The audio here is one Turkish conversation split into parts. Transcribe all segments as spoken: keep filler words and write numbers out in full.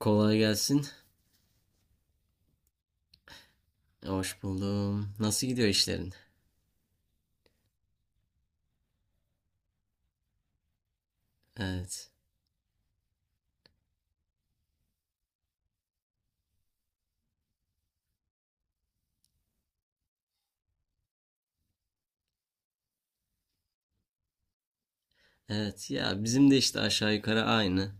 Kolay gelsin. Hoş buldum. Nasıl gidiyor işlerin? Evet. Evet ya bizim de işte aşağı yukarı aynı.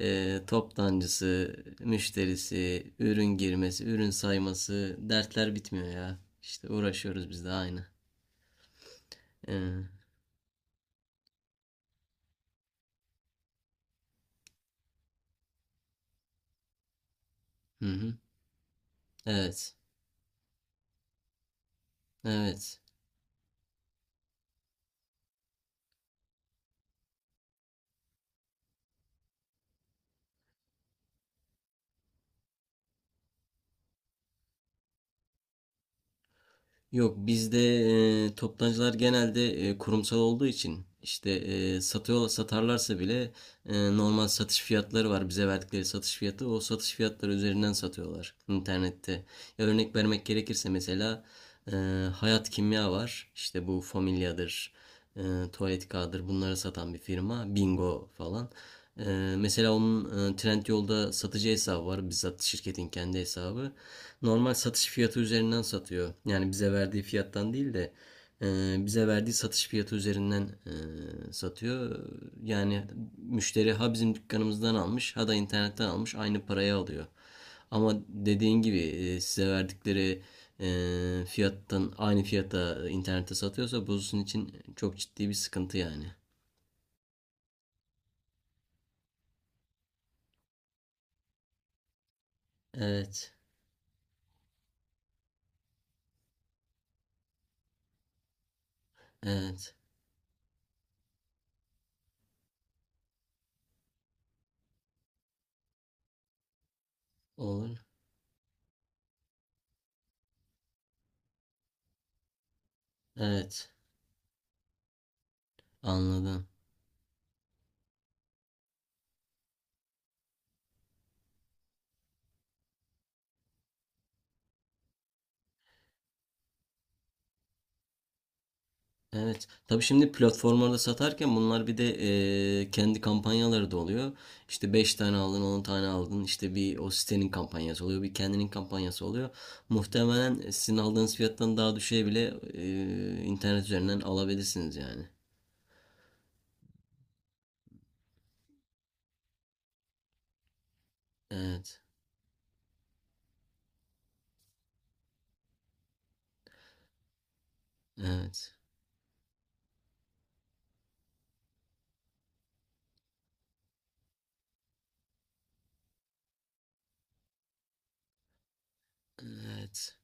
Ee, toptancısı, müşterisi, ürün girmesi, ürün sayması dertler bitmiyor ya. İşte uğraşıyoruz biz de aynı. Ee, hı hı. Evet. Evet. Yok bizde e, toptancılar genelde e, kurumsal olduğu için işte e, satıyor satarlarsa bile e, normal satış fiyatları var bize verdikleri satış fiyatı o satış fiyatları üzerinden satıyorlar internette. Ya örnek vermek gerekirse mesela e, Hayat Kimya var işte bu Familya'dır, e, Tuvalet Kağıdı'dır bunları satan bir firma Bingo falan. E, Mesela onun e, Trendyol'da satıcı hesabı var bizzat şirketin kendi hesabı. Normal satış fiyatı üzerinden satıyor. Yani bize verdiği fiyattan değil de e, bize verdiği satış fiyatı üzerinden e, satıyor. Yani müşteri ha bizim dükkanımızdan almış ha da internetten almış aynı paraya alıyor. Ama dediğin gibi e, size verdikleri e, fiyattan aynı fiyata internette satıyorsa bu sizin için çok ciddi bir sıkıntı yani. Evet. Evet. Olur. Evet. Anladım. Evet. Tabii şimdi platformlarda satarken bunlar bir de eee, kendi kampanyaları da oluyor. İşte beş tane aldın, on tane aldın. İşte bir o sitenin kampanyası oluyor, bir kendinin kampanyası oluyor. Muhtemelen sizin aldığınız fiyattan daha düşeye bile eee, internet üzerinden alabilirsiniz yani. Evet. Evet. Evet.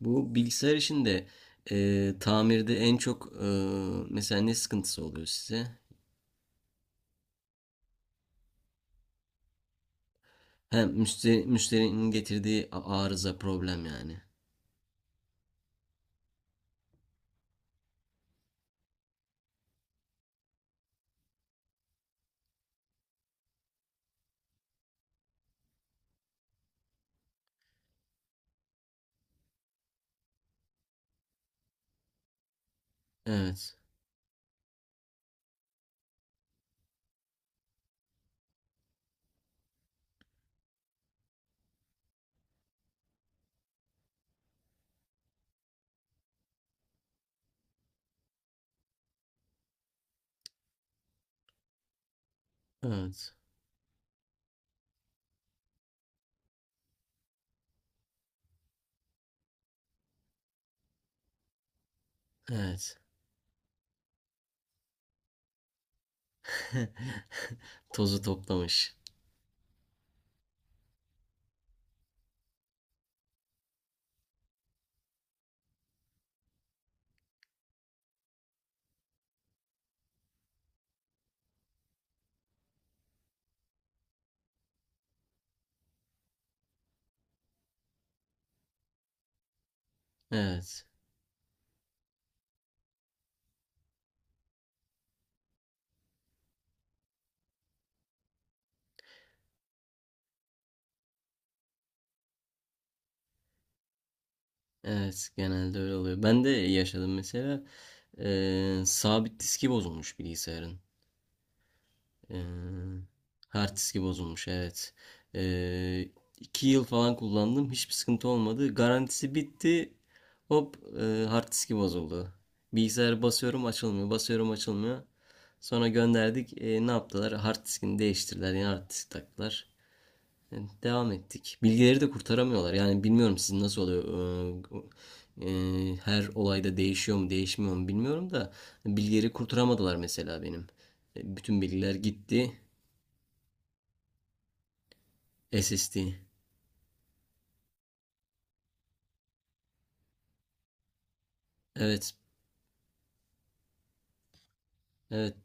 Bu bilgisayar işinde eee tamirde en çok eee, mesela ne sıkıntısı oluyor size? Hem müşteri, müşterinin getirdiği a- arıza problem yani. Evet. Evet. Evet. Tozu toplamış. Evet. Evet. Genelde öyle oluyor. Ben de yaşadım mesela. Ee, sabit diski bozulmuş bilgisayarın. Ee, Hard diski bozulmuş. Evet. Ee, iki yıl falan kullandım. Hiçbir sıkıntı olmadı. Garantisi bitti. Hop e, hard diski bozuldu. Bilgisayarı basıyorum açılmıyor. Basıyorum açılmıyor. Sonra gönderdik. E, ne yaptılar? Hard diskini değiştirdiler. Yeni hard disk taktılar. Yani devam ettik. Bilgileri de kurtaramıyorlar. Yani bilmiyorum sizin nasıl oluyor. Ee, e, Her olayda değişiyor mu, değişmiyor mu bilmiyorum da bilgileri kurtaramadılar mesela benim. E, Bütün bilgiler gitti. S S D. Evet. Evet.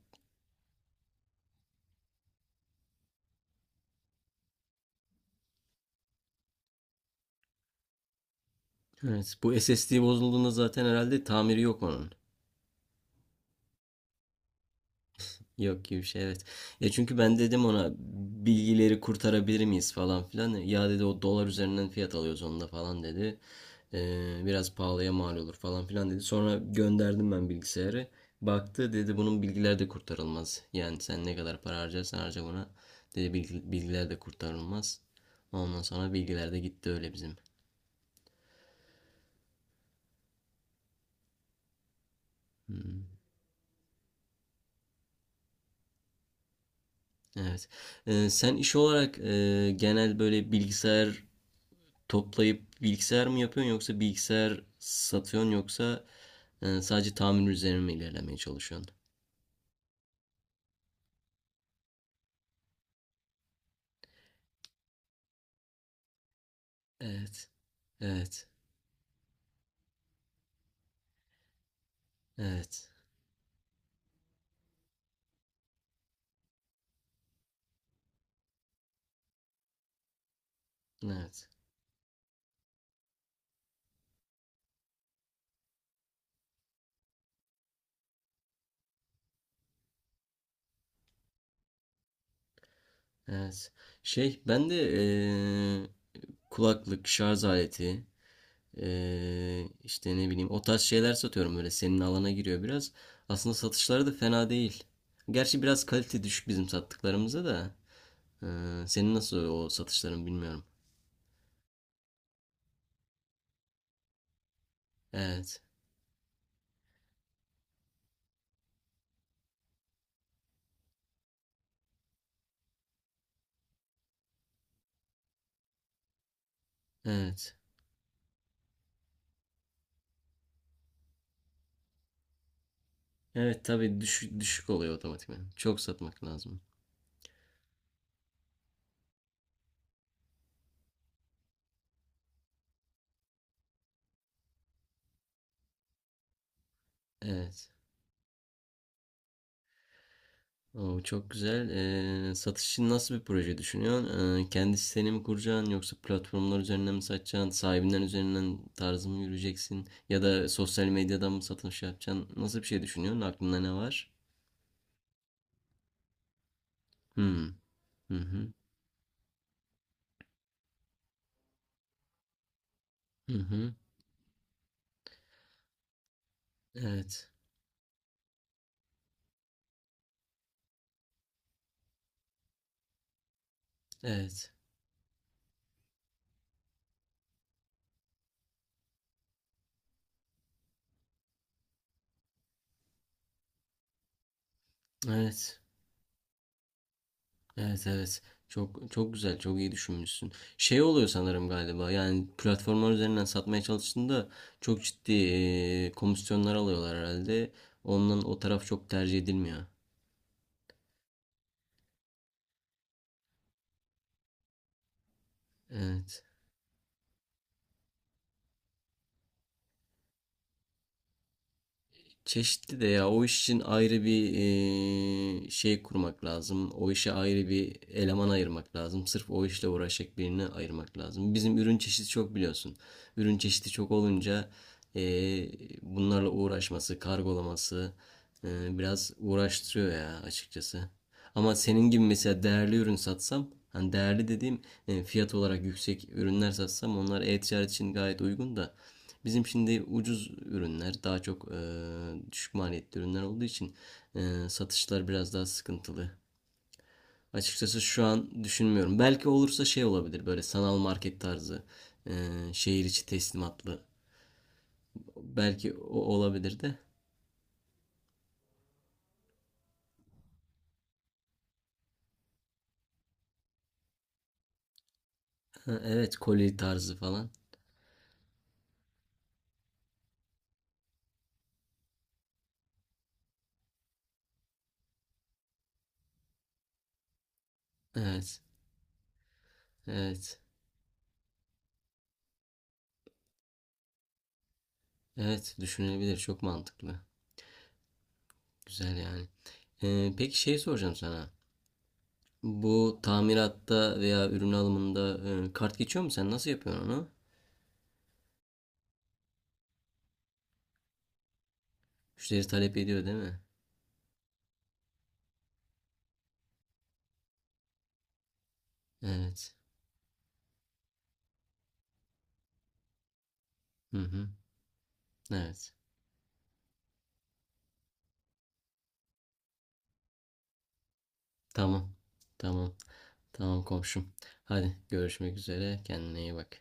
Evet. Bu S S D bozulduğunda zaten herhalde tamiri yok onun. Yok gibi bir şey evet. Ya çünkü ben dedim ona bilgileri kurtarabilir miyiz falan filan. Ya dedi o dolar üzerinden fiyat alıyoruz onda falan dedi. Ee, biraz pahalıya mal olur falan filan dedi. Sonra gönderdim ben bilgisayarı. Baktı dedi bunun bilgiler de kurtarılmaz. Yani sen ne kadar para harcarsan harca buna. Dedi bilgi- bilgiler de kurtarılmaz. Ondan sonra bilgiler de gitti öyle bizim. Hmm. Evet. Ee, sen iş olarak e, genel böyle bilgisayar toplayıp bilgisayar mı yapıyorsun yoksa bilgisayar satıyorsun yoksa e, sadece tamir üzerine mi ilerlemeye çalışıyorsun? Evet. Evet. Evet. Evet. Evet. Şey ben de e, kulaklık, şarj aleti e, işte ne bileyim o tarz şeyler satıyorum böyle senin alana giriyor biraz. Aslında satışları da fena değil. Gerçi biraz kalite düşük bizim sattıklarımıza da. E, Senin nasıl o satışların bilmiyorum. Evet. Evet. Evet tabii düşük, düşük oluyor otomatikman. Çok satmak lazım. Evet. O çok güzel. Ee, satış için nasıl bir proje düşünüyorsun? Ee, kendi siteni mi kuracaksın yoksa platformlar üzerinden mi satacaksın? Sahibinden üzerinden tarzı mı yürüyeceksin? Ya da sosyal medyadan mı satış yapacaksın? Nasıl bir şey düşünüyorsun? Aklında ne var? Hmm. Hı hı. Hı hı. Evet. Evet. Evet. Evet evet. Çok çok güzel, çok iyi düşünmüşsün. Şey oluyor sanırım galiba. Yani platformlar üzerinden satmaya çalıştığında çok ciddi e, komisyonlar alıyorlar herhalde. Ondan o taraf çok tercih edilmiyor. Evet. Çeşitli de ya o iş için ayrı bir eee, şey kurmak lazım. O işe ayrı bir eleman ayırmak lazım. Sırf o işle uğraşacak birini ayırmak lazım. Bizim ürün çeşidi çok biliyorsun. Ürün çeşidi çok olunca eee, bunlarla uğraşması, kargolaması eee, biraz uğraştırıyor ya açıkçası. Ama senin gibi mesela değerli ürün satsam, hani değerli dediğim e, fiyat olarak yüksek ürünler satsam onlar e-ticaret için gayet uygun da bizim şimdi ucuz ürünler, daha çok eee, düşük maliyetli ürünler olduğu için eee, satışlar biraz daha sıkıntılı. Açıkçası şu an düşünmüyorum. Belki olursa şey olabilir böyle sanal market tarzı, eee, şehir içi teslimatlı. Belki o olabilir de. Ha, evet, koli tarzı falan. Evet, evet, evet düşünülebilir. Çok mantıklı. Güzel yani. Eee, peki şey soracağım sana. Bu tamiratta veya ürün alımında eee, kart geçiyor mu? Sen nasıl yapıyorsun onu? Müşteri talep ediyor değil mi? Evet. Hı hı. Evet. Tamam. Tamam. Tamam komşum. Hadi görüşmek üzere. Kendine iyi bak.